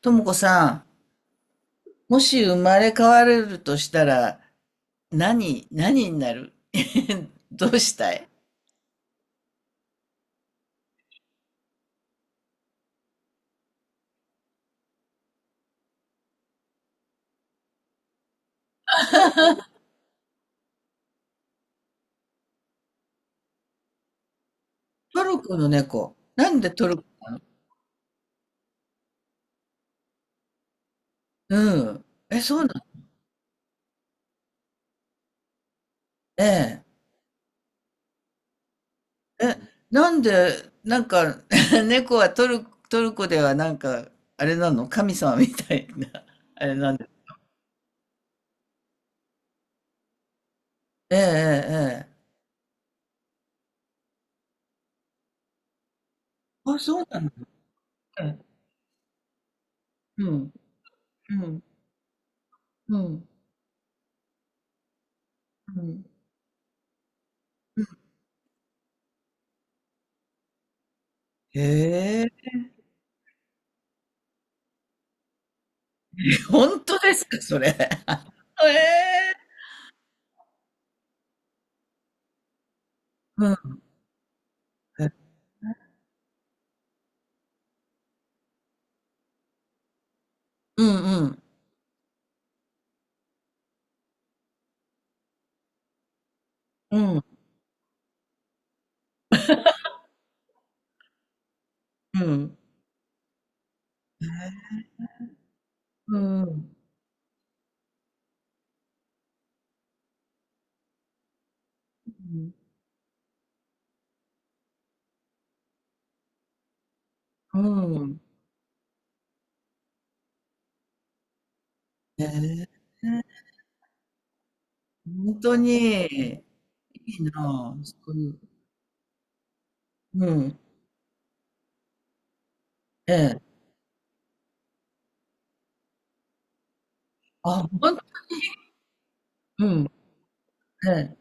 ともこさん、もし生まれ変われるとしたら、何になる どうしたい？トルコの猫。なんでトルコ、うん。え、そうなの？ええ。え、なんで、なんか、猫はトルコではなんか、あれなの？神様みたいな、あれなんで。ええ、ええ、ええ。あ、そうなの？うん、うん、うん、うん。うん。へえ、本当ですか、それ。ええ、うん。うんうん。うんうん。うんうん。うん。へえ。本当に、いいなあ、そういう。うん。ええ。あ、ほん。うん。ええ。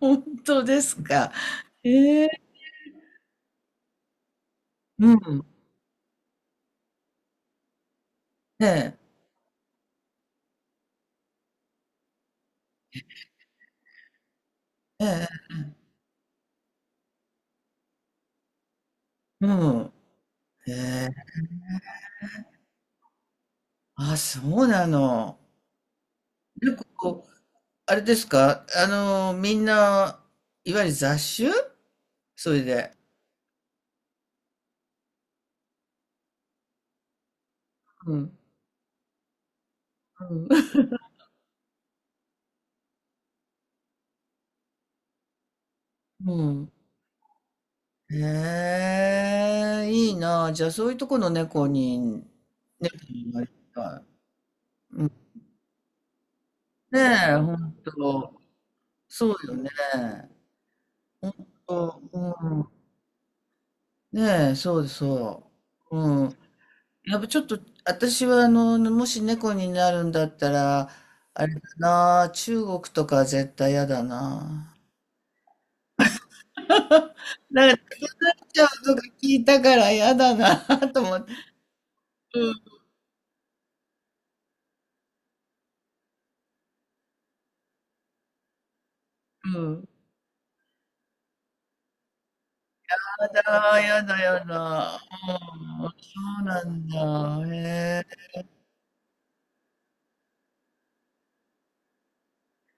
ほですか。へえ。うん。ええ。ええ。うん。へえ。あ、そうなの。なんかこう、あれですか、みんな、いわゆる雑種？それで。うん。うん。うん。へえ、いいな。じゃあ、そういうとこの猫に、猫になりたい。うん、ねえ、ほんと。そうよね。ほんと。うん。ねえ、そうそう。うん。やっぱちょっと、私は、もし猫になるんだったら、あれだな、中国とか絶対嫌だな。なんか、食べられちゃうとか聞いたから嫌だな、と思って。うん。うん。だ、やだやだ。うん、そうなんだ。へえ。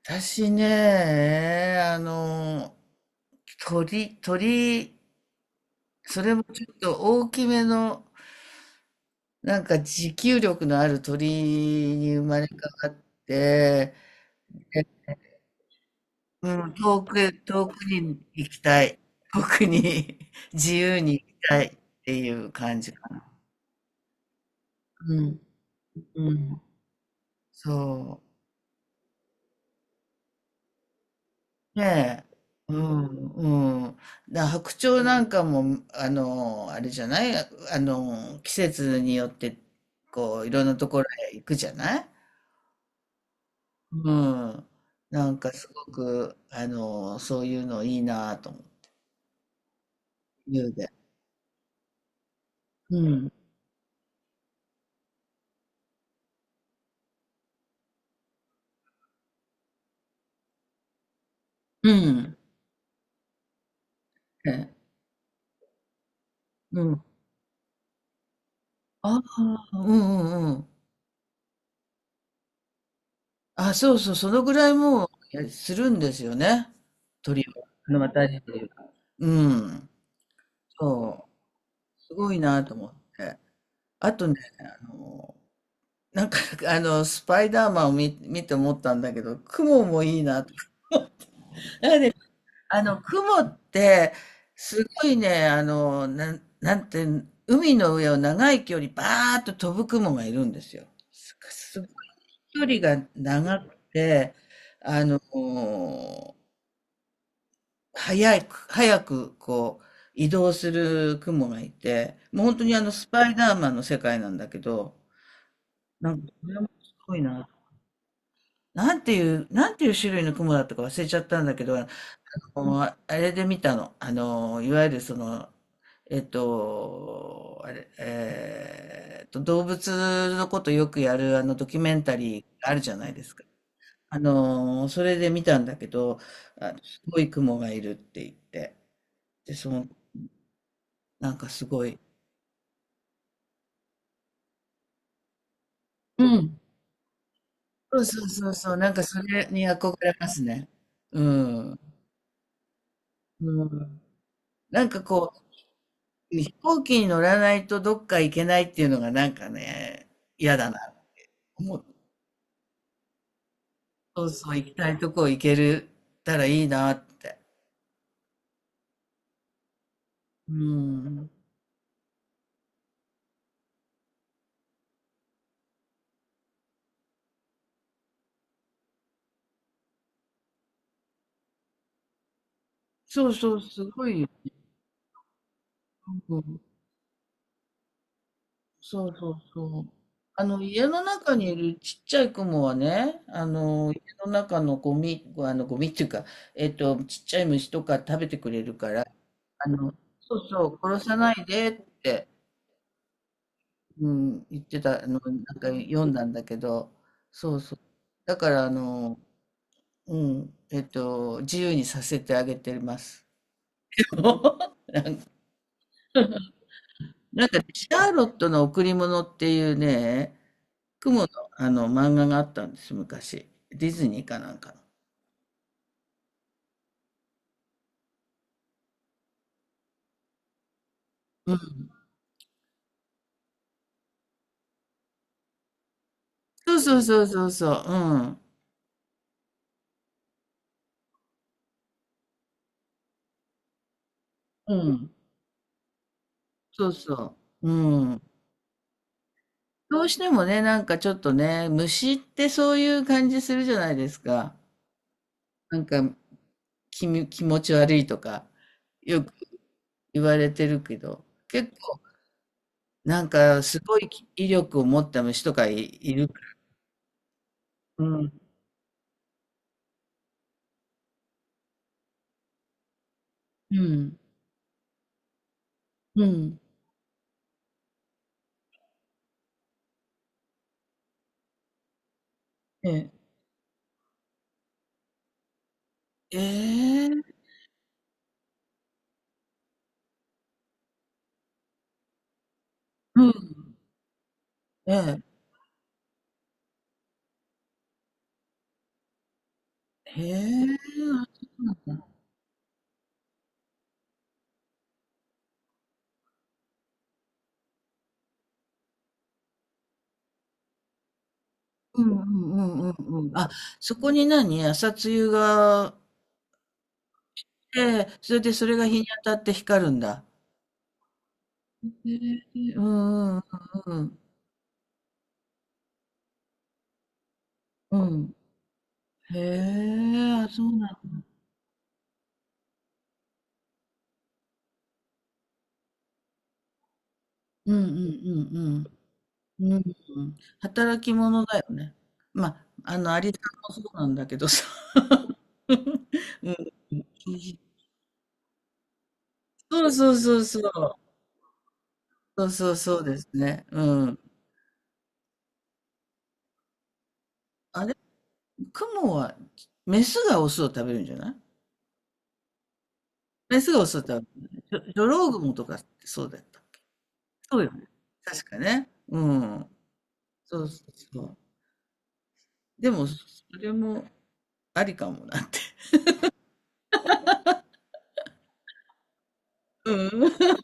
私ね、鳥、それもちょっと大きめの、なんか持久力のある鳥に生まれ変わって、で、うん、遠くに行きたい。遠くに 自由に行きたいっていう感じかな。うん、うん、そう。ねえ。うん、うん。だ白鳥なんかも、あの、あれじゃないあの、季節によって、こう、いろんなところへ行くじゃない。うん。なんかすごく、そういうのいいなと思う。言うで。うん。うん。ね。うん。ああ、うんうんうん。あ、そうそう、そのぐらいもう、えするんですよね。鳥は。私たちは。うん。そう。すごいなと思って。あとね、なんか、スパイダーマンを見て思ったんだけど、雲もいいなと。雲って、すごいね、なんて、海の上を長い距離、バーッと飛ぶ雲がいるんですよ。す、すごい距離が長くて、あの、早く、こう、移動する雲がいて、もう本当にスパイダーマンの世界なんだけど、なんか、これもすごいな。なんていう種類の雲だったか忘れちゃったんだけど、あれで見たの。あの、いわゆるその、えっと、あれ、えーっと、動物のことよくやるあのドキュメンタリーあるじゃないですか。それで見たんだけど、すごい雲がいるって言って。で、その、なんかすごい。うん。そうそうそうそう、なんかそれに憧れますね。うん。うん。なんかこう、飛行機に乗らないとどっか行けないっていうのがなんかね、嫌だなって思う。そうそう、行きたいとこ行けるたらいいなって。うん。そうそう、すごいよ。うん。そうそうそう。家の中にいるちっちゃいクモはね、家の中のゴミ、ゴミっていうか、ちっちゃい虫とか食べてくれるから、あの、そうそう、殺さないでって。うん、言ってたの、なんか読んだんだけど、そうそう。だから、うん、自由にさせてあげてます。なんか、シャーロットの贈り物っていうね、雲の、あの漫画があったんです、昔。ディズニーかなんかの。うん。そうそうそうそうそう。うん。うん。そうそう。うん。どうしてもね、なんかちょっとね、虫ってそういう感じするじゃないですか。なんか気持ち悪いとか、よく言われてるけど、結構、なんか、すごい威力を持った虫とかいいるから。うん。うん。うん。ええ。ええ。うん。ええ。へえ、あ、そうなんだ。うんうんうんうんうん。あ、そこに何、朝露が。ええ、それでそれが日に当たって光るんだ。へえ、うんうんうんうんうん。へえ、あ、そうなんだ。うんうんうんうん。うん。働き者だよね。まあ、アリさんもそうなんだけどさ。うん。そうそうそうそう。そうそうそうですね。うん。あれ、クモは、メスがオスを食べるんじゃない？メスがオスを食べる。ジョジョロウグモとかってそうだった。そうよね。確かね。うん。そうそうそう。でも、それもありかもなって。うん。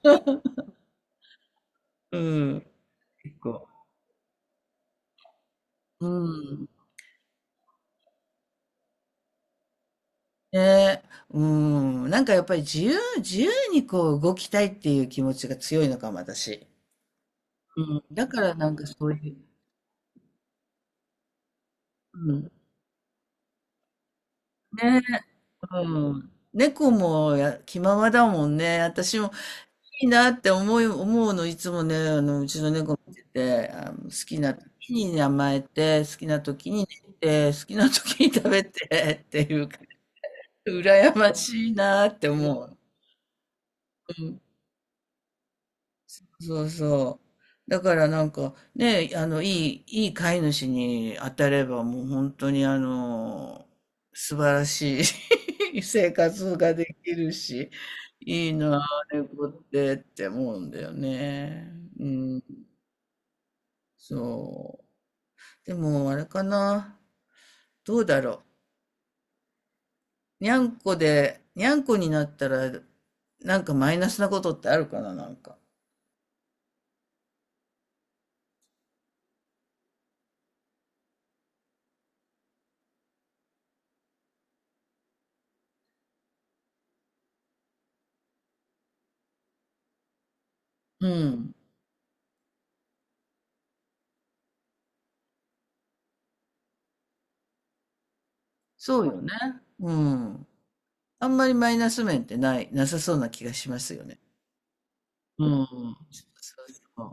うん。結構。うん。ね、うん、なんかやっぱり自由自由にこう動きたいっていう気持ちが強いのかも、私。うん、だからなんかそういう、うん、ね、うん。猫もや気ままだもんね。私もいいなって思い、思うの、いつもね、うちの猫見てて、好きな時に甘えて、好きな時に寝て、好きな時に食べてっていうか、羨ましいなって思う。そうそう。だからなんかね、いい飼い主に当たればもう本当に素晴らしい 生活ができるし、いいなあ、猫ってって思うんだよね。うん、そう。でもあれかな、どうだろう。にゃんこで、にゃんこになったら、なんかマイナスなことってあるかな、なんか。うん。そうよね。うん。あんまりマイナス面ってない、なさそうな気がしますよね。うん。そう